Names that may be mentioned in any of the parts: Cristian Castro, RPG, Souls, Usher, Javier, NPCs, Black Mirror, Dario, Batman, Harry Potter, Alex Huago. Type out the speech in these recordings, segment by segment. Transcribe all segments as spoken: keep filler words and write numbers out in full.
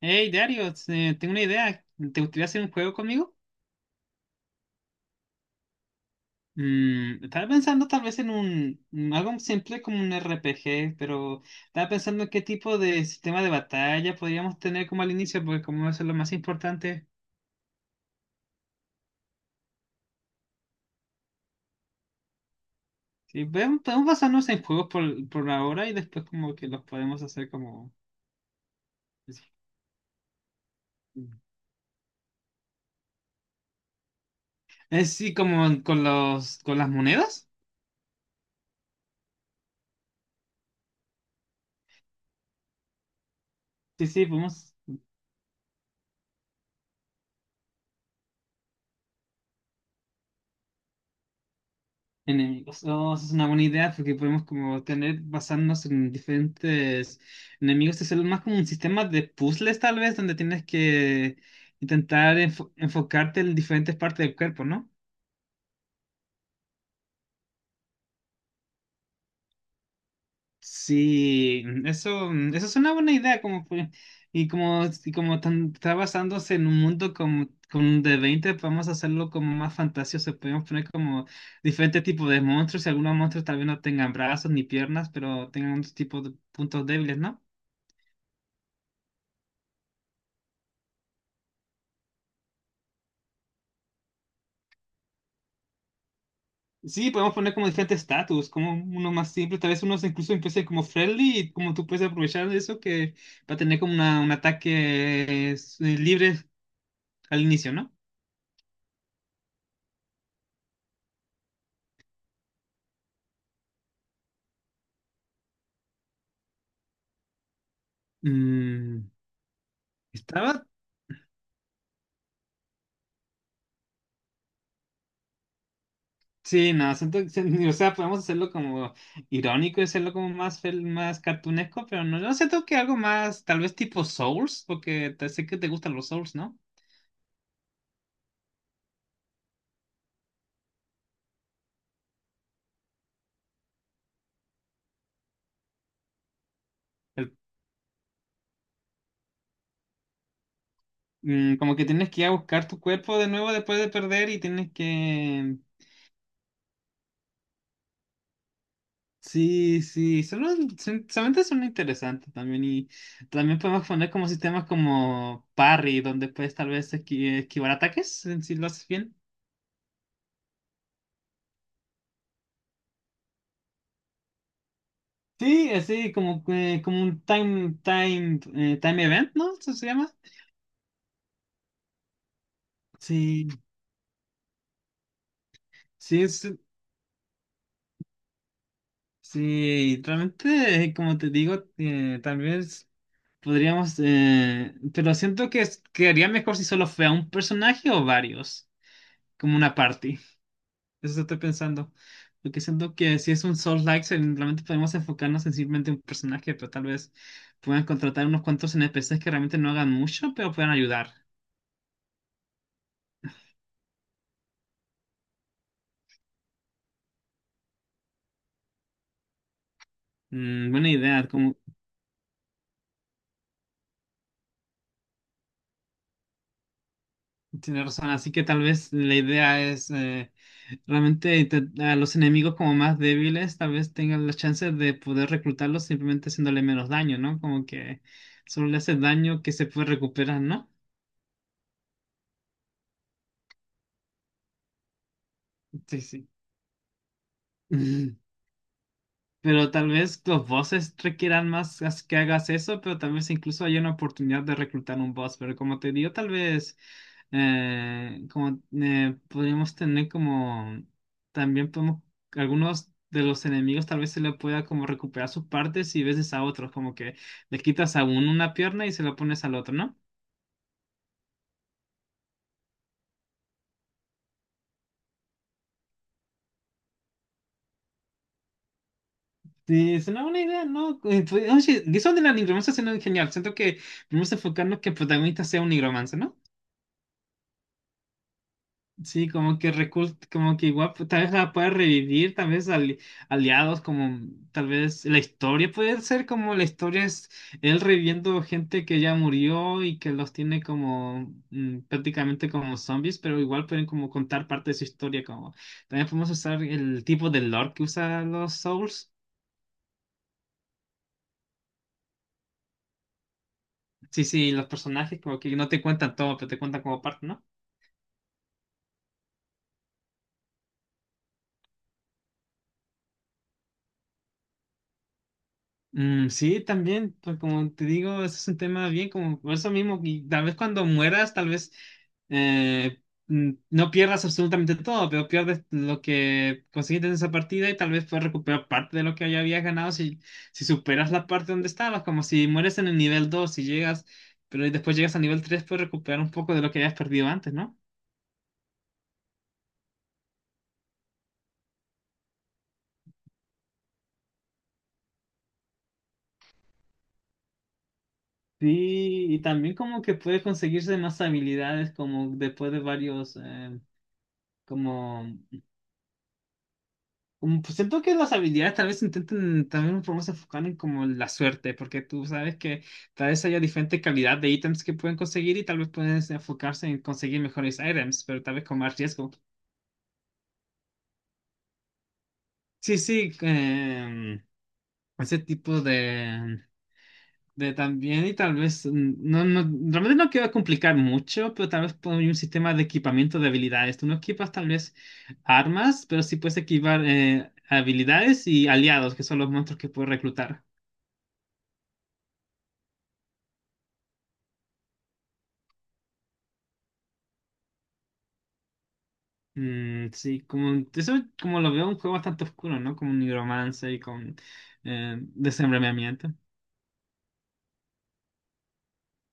Hey, Dario, eh, tengo una idea. ¿Te gustaría hacer un juego conmigo? Mm, estaba pensando tal vez en un mm, algo simple como un R P G, pero estaba pensando en qué tipo de sistema de batalla podríamos tener como al inicio, porque como eso es lo más importante. Sí, podemos, podemos basarnos en juegos por, por ahora y después como que los podemos hacer como... Eh, sí, como con los, con las monedas. Sí, sí, podemos. Enemigos. Oh, esa es una buena idea porque podemos como tener basarnos en diferentes enemigos. Es más como un sistema de puzzles tal vez donde tienes que intentar enfo- enfocarte en diferentes partes del cuerpo, ¿no? Sí, eso, eso es una buena idea como fue- y como, y como tan- está basándose en un mundo como con de veinte podemos hacerlo como más fantasioso. Podemos poner como diferentes tipos de monstruos y algunos monstruos tal vez no tengan brazos ni piernas, pero tengan otros tipos de puntos débiles, ¿no? Sí, podemos poner como diferentes estatus, como uno más simple, tal vez unos incluso empiecen como friendly y como tú puedes aprovechar de eso que va a tener como una- un ataque eh, eh, libre al inicio, ¿no? Mm, estaba, sí, no, siento- siento- o sea, podemos hacerlo como irónico y hacerlo como más, fel- más cartunesco, pero no, yo siento que algo más, tal vez tipo Souls, porque te- sé que te gustan los Souls, ¿no? El- mm, como que tienes que ir a buscar tu cuerpo de nuevo después de perder y tienes que... Sí, sí, solo- son- solamente son interesantes también y también podemos poner como sistemas como parry, donde puedes tal vez esqui- esquivar ataques eh, si lo haces bien. Sí, así como, eh, como un time, time, eh, time event, ¿no? Eso se llama. Sí, sí, es, sí, realmente, eh, como te digo, eh, tal vez podríamos, eh, pero siento que es- quedaría mejor si solo fuera un personaje o varios, como una party. Eso estoy pensando. Porque siento que si es un Souls-like, realmente podemos enfocarnos en simplemente un personaje, pero tal vez puedan contratar unos cuantos N P Ces que realmente no hagan mucho, pero puedan ayudar. Mm, buena idea, como tiene razón. Así que tal vez la idea es eh, realmente inte- a los enemigos como más débiles, tal vez tengan la chance de poder reclutarlos simplemente haciéndole menos daño, ¿no? Como que solo le hace daño que se puede recuperar, ¿no? Sí, sí. Pero tal vez los bosses requieran más as- que hagas eso, pero tal vez incluso hay una oportunidad de reclutar un boss. Pero como te digo, tal vez eh, como eh, podríamos tener como también podemos algunos de los enemigos tal vez se le pueda como recuperar sus partes y veces a otros, como que le quitas a uno una pierna y se la pones al otro, ¿no? Sí, es una buena idea, ¿no? Eh, pues, oye, eso de la nigromancia suena genial. Siento que vamos a enfocarnos que el protagonista sea un nigromante, ¿no? Sí, como que recul- como que igual pues, tal vez la pueda revivir, tal vez ali- aliados, como tal vez la historia puede ser como la historia es él reviviendo gente que ya murió y que los tiene como mm, prácticamente como zombies, pero igual pueden como contar parte de su historia, como también podemos usar el tipo de lore que usan los Souls. Sí, sí, los personajes como que no te cuentan todo, pero te cuentan como parte, ¿no? Mm, sí, también, pues como te digo, ese es un tema bien como por eso mismo, y tal vez cuando mueras, tal vez eh, mm, no pierdas absolutamente todo, pero pierdes lo que conseguiste en esa partida y tal vez puedes recuperar parte de lo que ya habías ganado si, si superas la parte donde estabas, como si mueres en el nivel dos y llegas, pero y después llegas al nivel tres puedes recuperar un poco de lo que habías perdido antes, ¿no? Sí, y también como que puedes conseguirse más habilidades como después de varios, eh, como... Como pues siento que las habilidades tal vez intenten también un poco se enfocar en como la suerte, porque tú sabes que tal vez haya diferente calidad de ítems que pueden conseguir y tal vez pueden enfocarse en conseguir mejores ítems, pero tal vez con más riesgo. Sí, sí, em, ese tipo de, de también y tal vez, mm, no, no, realmente no quiero complicar mucho, pero tal vez poner un sistema de equipamiento de habilidades. Tú no equipas tal vez armas, pero sí puedes equipar eh, habilidades y aliados, que son los monstruos que puedes reclutar. Mm, sí, como eso como lo veo un juego bastante oscuro, ¿no? Como un nigromancia y con eh, desmembramiento.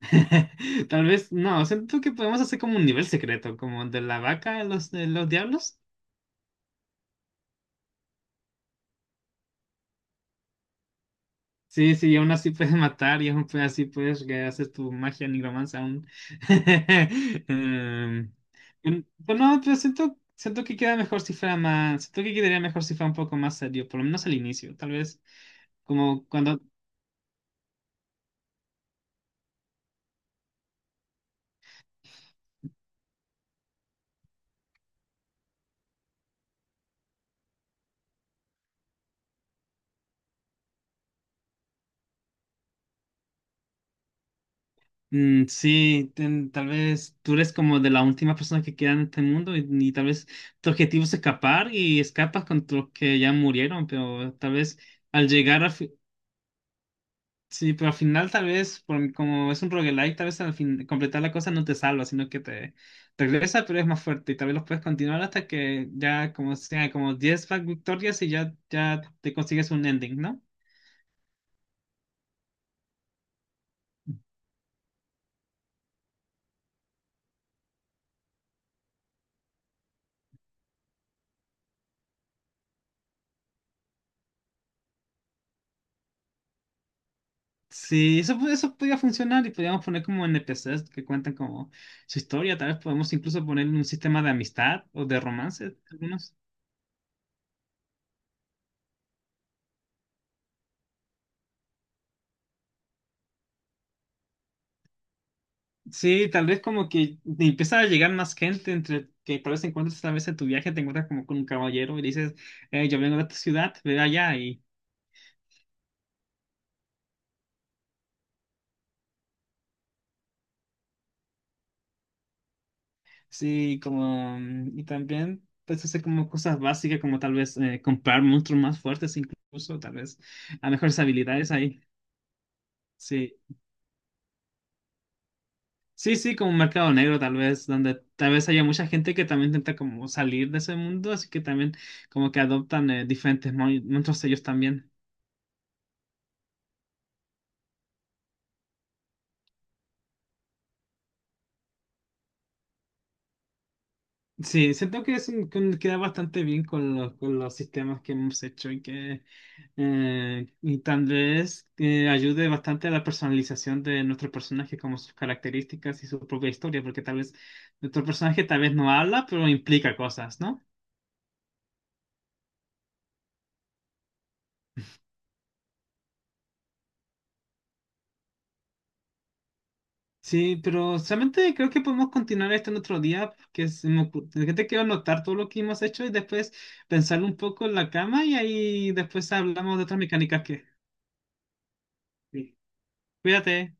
Tal vez, no, siento que podemos hacer como un nivel secreto, como de la vaca de los, de los diablos. Sí, sí, y aún así puedes matar y aún pues así puedes que haces tu magia nigromancia aún. Em, en- pero no, pero siento, siento que queda mejor si fuera más, siento que quedaría mejor si fuera un poco más serio, por lo menos al inicio, tal vez. Como cuando Mm, sí, ten- tal vez tú eres como de la última persona que queda en este mundo y, y tal vez tu objetivo es escapar y escapas con los que ya murieron, pero tal vez al llegar a... fi- Sí, pero al final tal vez, por- como es un roguelike, tal vez al fin, completar la cosa no te salva, sino que te regresa, pero es más fuerte y tal vez los puedes continuar hasta que ya como sea como diez victorias y ya, ya te consigues un ending, ¿no? Sí, eso, pu- eso podría funcionar y podríamos poner como N P Ces que cuentan como su historia. Tal vez podemos incluso poner un sistema de amistad o de romance, algunos. Sí, tal vez como que te empieza a llegar más gente entre que tal vez encuentres tal vez en tu viaje te encuentras como con un caballero y le dices, "Eh, yo vengo de tu ciudad, ve allá y sí, como mm, y también puedes hacer como cosas básicas como tal vez eh, comprar monstruos más fuertes incluso, tal vez a mejores habilidades ahí. Sí, sí, sí, como un mercado negro tal vez, donde tal vez haya mucha gente que también intenta como salir de ese mundo, así que también como que adoptan eh, diferentes mon- monstruos ellos también. Sí, siento que es un- que queda bastante bien con los, con los sistemas que hemos hecho y que eh, y tal vez eh, ayude bastante a la personalización de nuestro personaje, como sus características y su propia historia, porque tal vez nuestro personaje tal vez no habla, pero implica cosas, ¿no? Sí, pero solamente creo que podemos continuar esto en otro día, porque se me ocur- que te quiero anotar todo lo que hemos hecho y después pensarlo un poco en la cama y ahí después hablamos de otras mecánicas que... Sí. Cuídate.